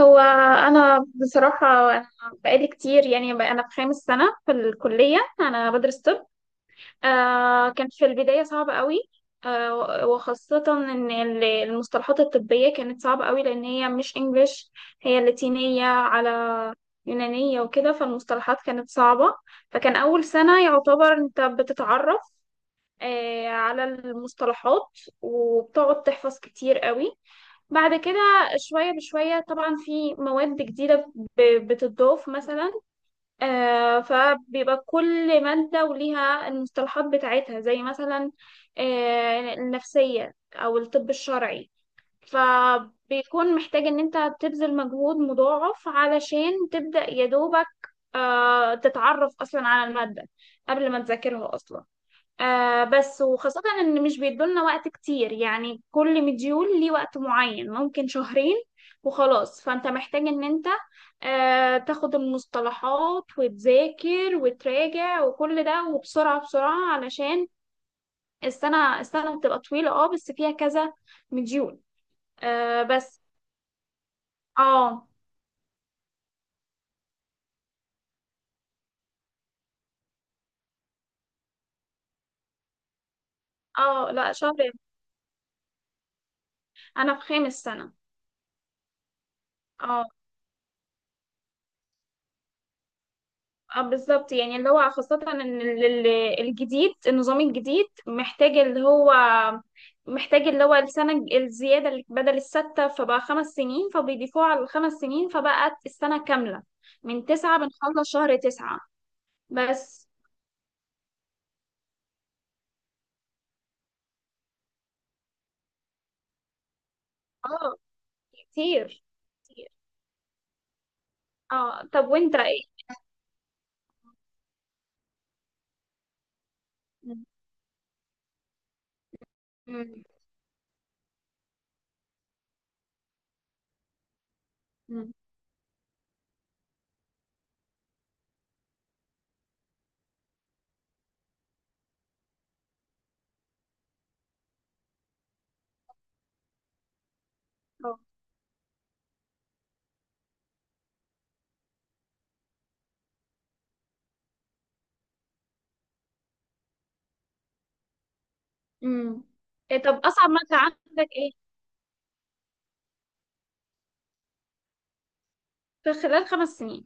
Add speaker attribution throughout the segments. Speaker 1: هو، أنا بصراحة أنا بقالي كتير يعني بقى أنا في خامس سنة في الكلية، أنا بدرس طب. كان في البداية صعب قوي. وخاصة إن المصطلحات الطبية كانت صعبة قوي، لأن هي مش إنجليش، هي لاتينية يونانية وكده، فالمصطلحات كانت صعبة. فكان أول سنة يعتبر أنت بتتعرف على المصطلحات، وبتقعد تحفظ كتير قوي. بعد كده شوية بشوية طبعا في مواد جديدة بتضاف مثلا. فبيبقى كل مادة وليها المصطلحات بتاعتها زي مثلا النفسية أو الطب الشرعي. فبيكون محتاج إن أنت تبذل مجهود مضاعف علشان تبدأ يدوبك تتعرف أصلا على المادة قبل ما تذاكرها أصلا. بس وخاصة إن مش بيدولنا وقت كتير، يعني كل مديول ليه وقت معين ممكن شهرين وخلاص. فأنت محتاج إن أنت تاخد المصطلحات وتذاكر وتراجع وكل ده، وبسرعة بسرعة علشان السنة بتبقى طويلة، بس فيها كذا مديول. بس. اه، اه، لا، شهر. أنا في خامس سنة. اه، اه، بالظبط. يعني اللي هو خاصة ان الجديد النظام الجديد محتاج اللي هو السنة الزيادة اللي بدل الستة فبقى 5 سنين، فبيضيفوها على الـ 5 سنين، فبقت السنة كاملة. من تسعة بنخلص شهر تسعة. بس. اه كتير. كتير. اه، طب وانت ايه؟ مم. مم. مم. اه. مم. إيه، طب اصعب مادة عندك ايه؟ في خلال 5 سنين.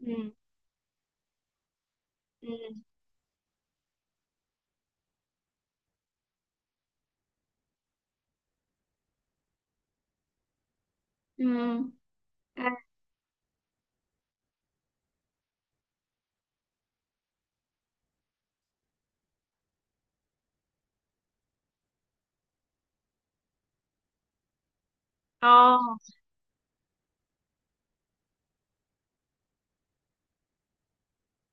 Speaker 1: مم. مم. مم. اه.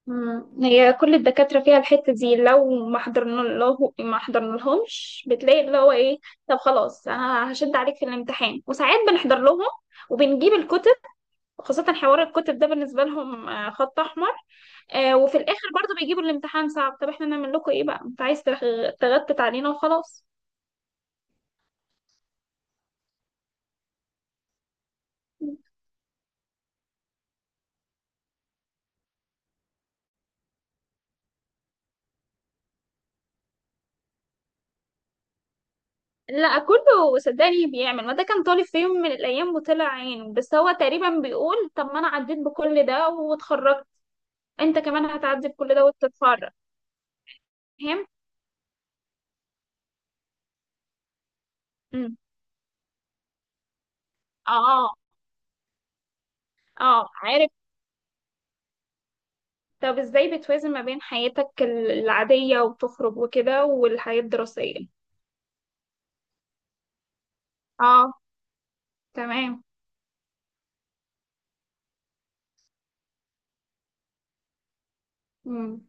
Speaker 1: مم. هي كل الدكاترة فيها الحتة دي، لو ما حضرنا لهمش بتلاقي اللي هو ايه. طب خلاص، انا هشد عليك في الامتحان. وساعات بنحضر لهم وبنجيب الكتب. خاصة حوار الكتب ده بالنسبة لهم خط أحمر. وفي الآخر برضو بيجيبوا الامتحان صعب. طب احنا نعمل لكم ايه بقى، انت عايز تغتت علينا وخلاص. لا، كله صدقني بيعمل، ما ده كان طالب في يوم من الأيام وطلع عينه، بس هو تقريبا بيقول طب ما أنا عديت بكل ده واتخرجت. انت كمان هتعدي بكل ده وتتخرج. مم. اه. اه، عارف. طب ازاي بتوازن ما بين حياتك العادية وتخرج وكده، والحياة الدراسية؟ اه، تمام. مم.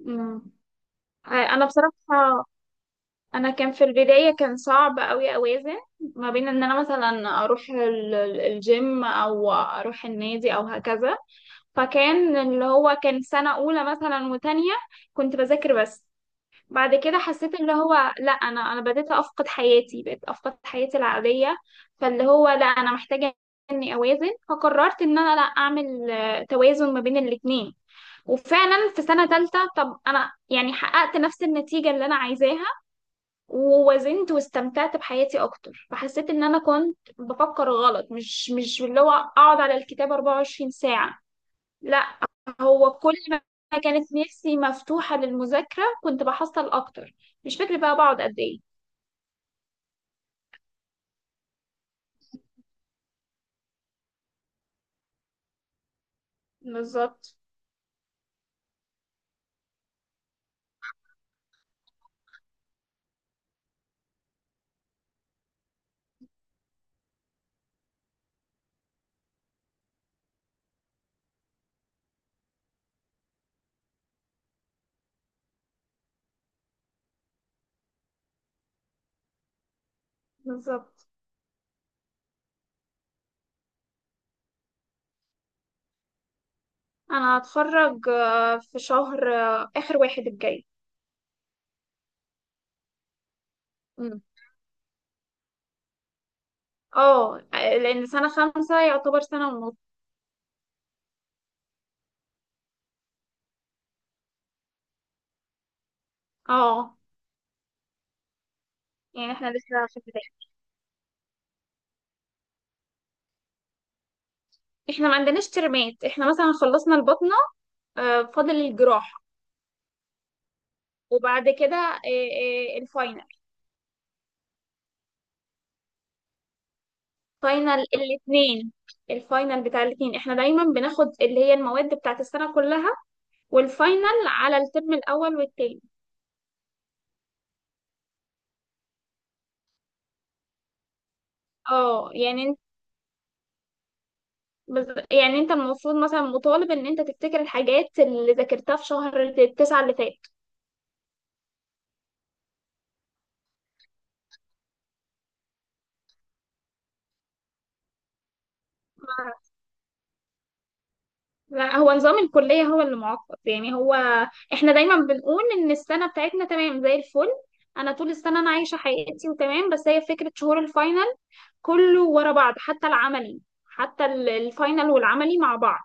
Speaker 1: مم. انا بصراحة كان في البداية كان صعب قوي اوازن ما بين ان انا مثلا اروح الجيم او اروح النادي او هكذا. فكان اللي هو كان سنة اولى مثلا وتانية، كنت بذاكر بس. بعد كده حسيت اللي هو لا، انا بديت افقد حياتي، بقيت افقد حياتي العاديه. فاللي هو لا، انا محتاجه اني اوازن، فقررت ان انا لا اعمل توازن ما بين الاتنين. وفعلا في سنه تالتة، طب انا يعني حققت نفس النتيجه اللي انا عايزاها، ووازنت واستمتعت بحياتي اكتر، فحسيت ان انا كنت بفكر غلط، مش اللي هو اقعد على الكتاب 24 ساعه. لا، هو كل ما كانت نفسي مفتوحة للمذاكرة كنت بحصل أكتر. مش فاكرة بقى بقعد قد إيه. بالظبط، بالظبط. أنا هتخرج في شهر آخر واحد الجاي. مم. اه، لأن سنة خمسة يعتبر سنة ونص. اه، يعني احنا لسه في البداية. احنا ما عندناش ترمات، احنا مثلا خلصنا البطنة. فاضل الجراحة. وبعد كده الفاينل. فاينل الاثنين. الفاينل بتاع الاثنين، احنا دايما بناخد اللي هي المواد بتاعت السنة كلها، والفاينل على الترم الاول والتاني. اه، يعني انت المفروض مثلا مطالب ان انت تفتكر الحاجات اللي ذاكرتها في شهر التسعة اللي فات. ما- لا، هو نظام الكلية هو اللي معقد يعني هو. احنا دايما بنقول ان السنة بتاعتنا تمام زي الفل. انا طول السنة انا عايشة حياتي وتمام، بس هي فكرة شهور الفاينل كله ورا بعض، حتى العملي، حتى الفاينل والعملي مع بعض.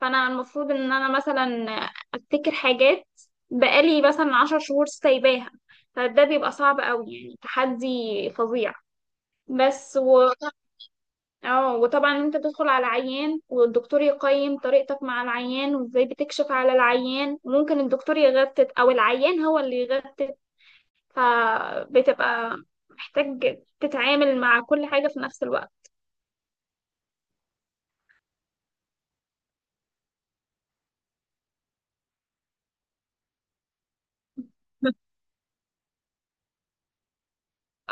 Speaker 1: فانا المفروض ان انا مثلا افتكر حاجات بقالي مثلا 10 شهور سايباها، فده بيبقى صعب قوي، يعني تحدي فظيع. بس و... اه وطبعا انت تدخل على عيان والدكتور يقيم طريقتك مع العيان وازاي بتكشف على العيان، وممكن الدكتور يغتت او العيان هو اللي يغتت، فبتبقى محتاج تتعامل مع كل حاجة في نفس الوقت.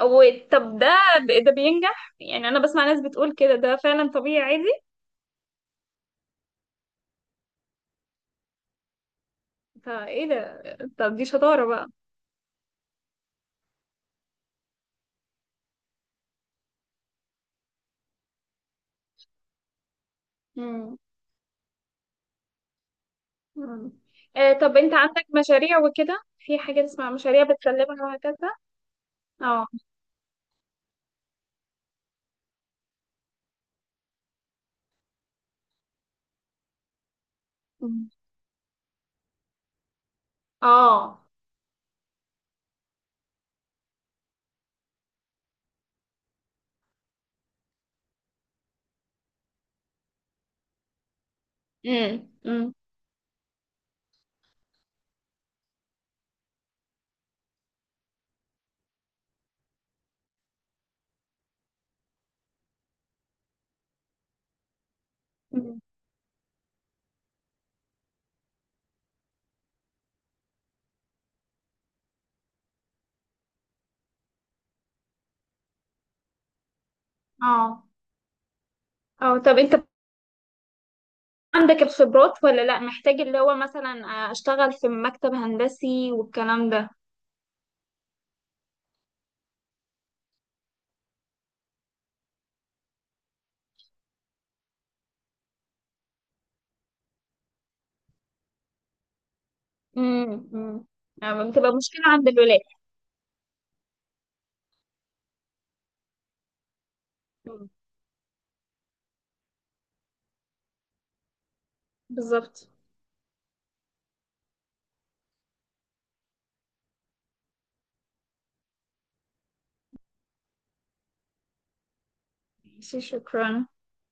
Speaker 1: أو. طب ده ده بينجح يعني؟ أنا بسمع ناس بتقول كده، ده فعلا طبيعي عادي. فإيه ده؟ طب دي شطارة بقى. مم. مم. طب أنت عندك مشاريع وكده؟ في حاجة اسمها مشاريع بتسلمها وهكذا؟ اه. مم. اه. امم. امم. أمم. اه. اه، طب أنت عندك الخبرات ولا لأ؟ محتاج اللي هو مثلا أشتغل في مكتب هندسي والكلام ده؟ امم. امم. بتبقى مشكلة عند الولاد. مم. بالظبط. ماشي، شكرا.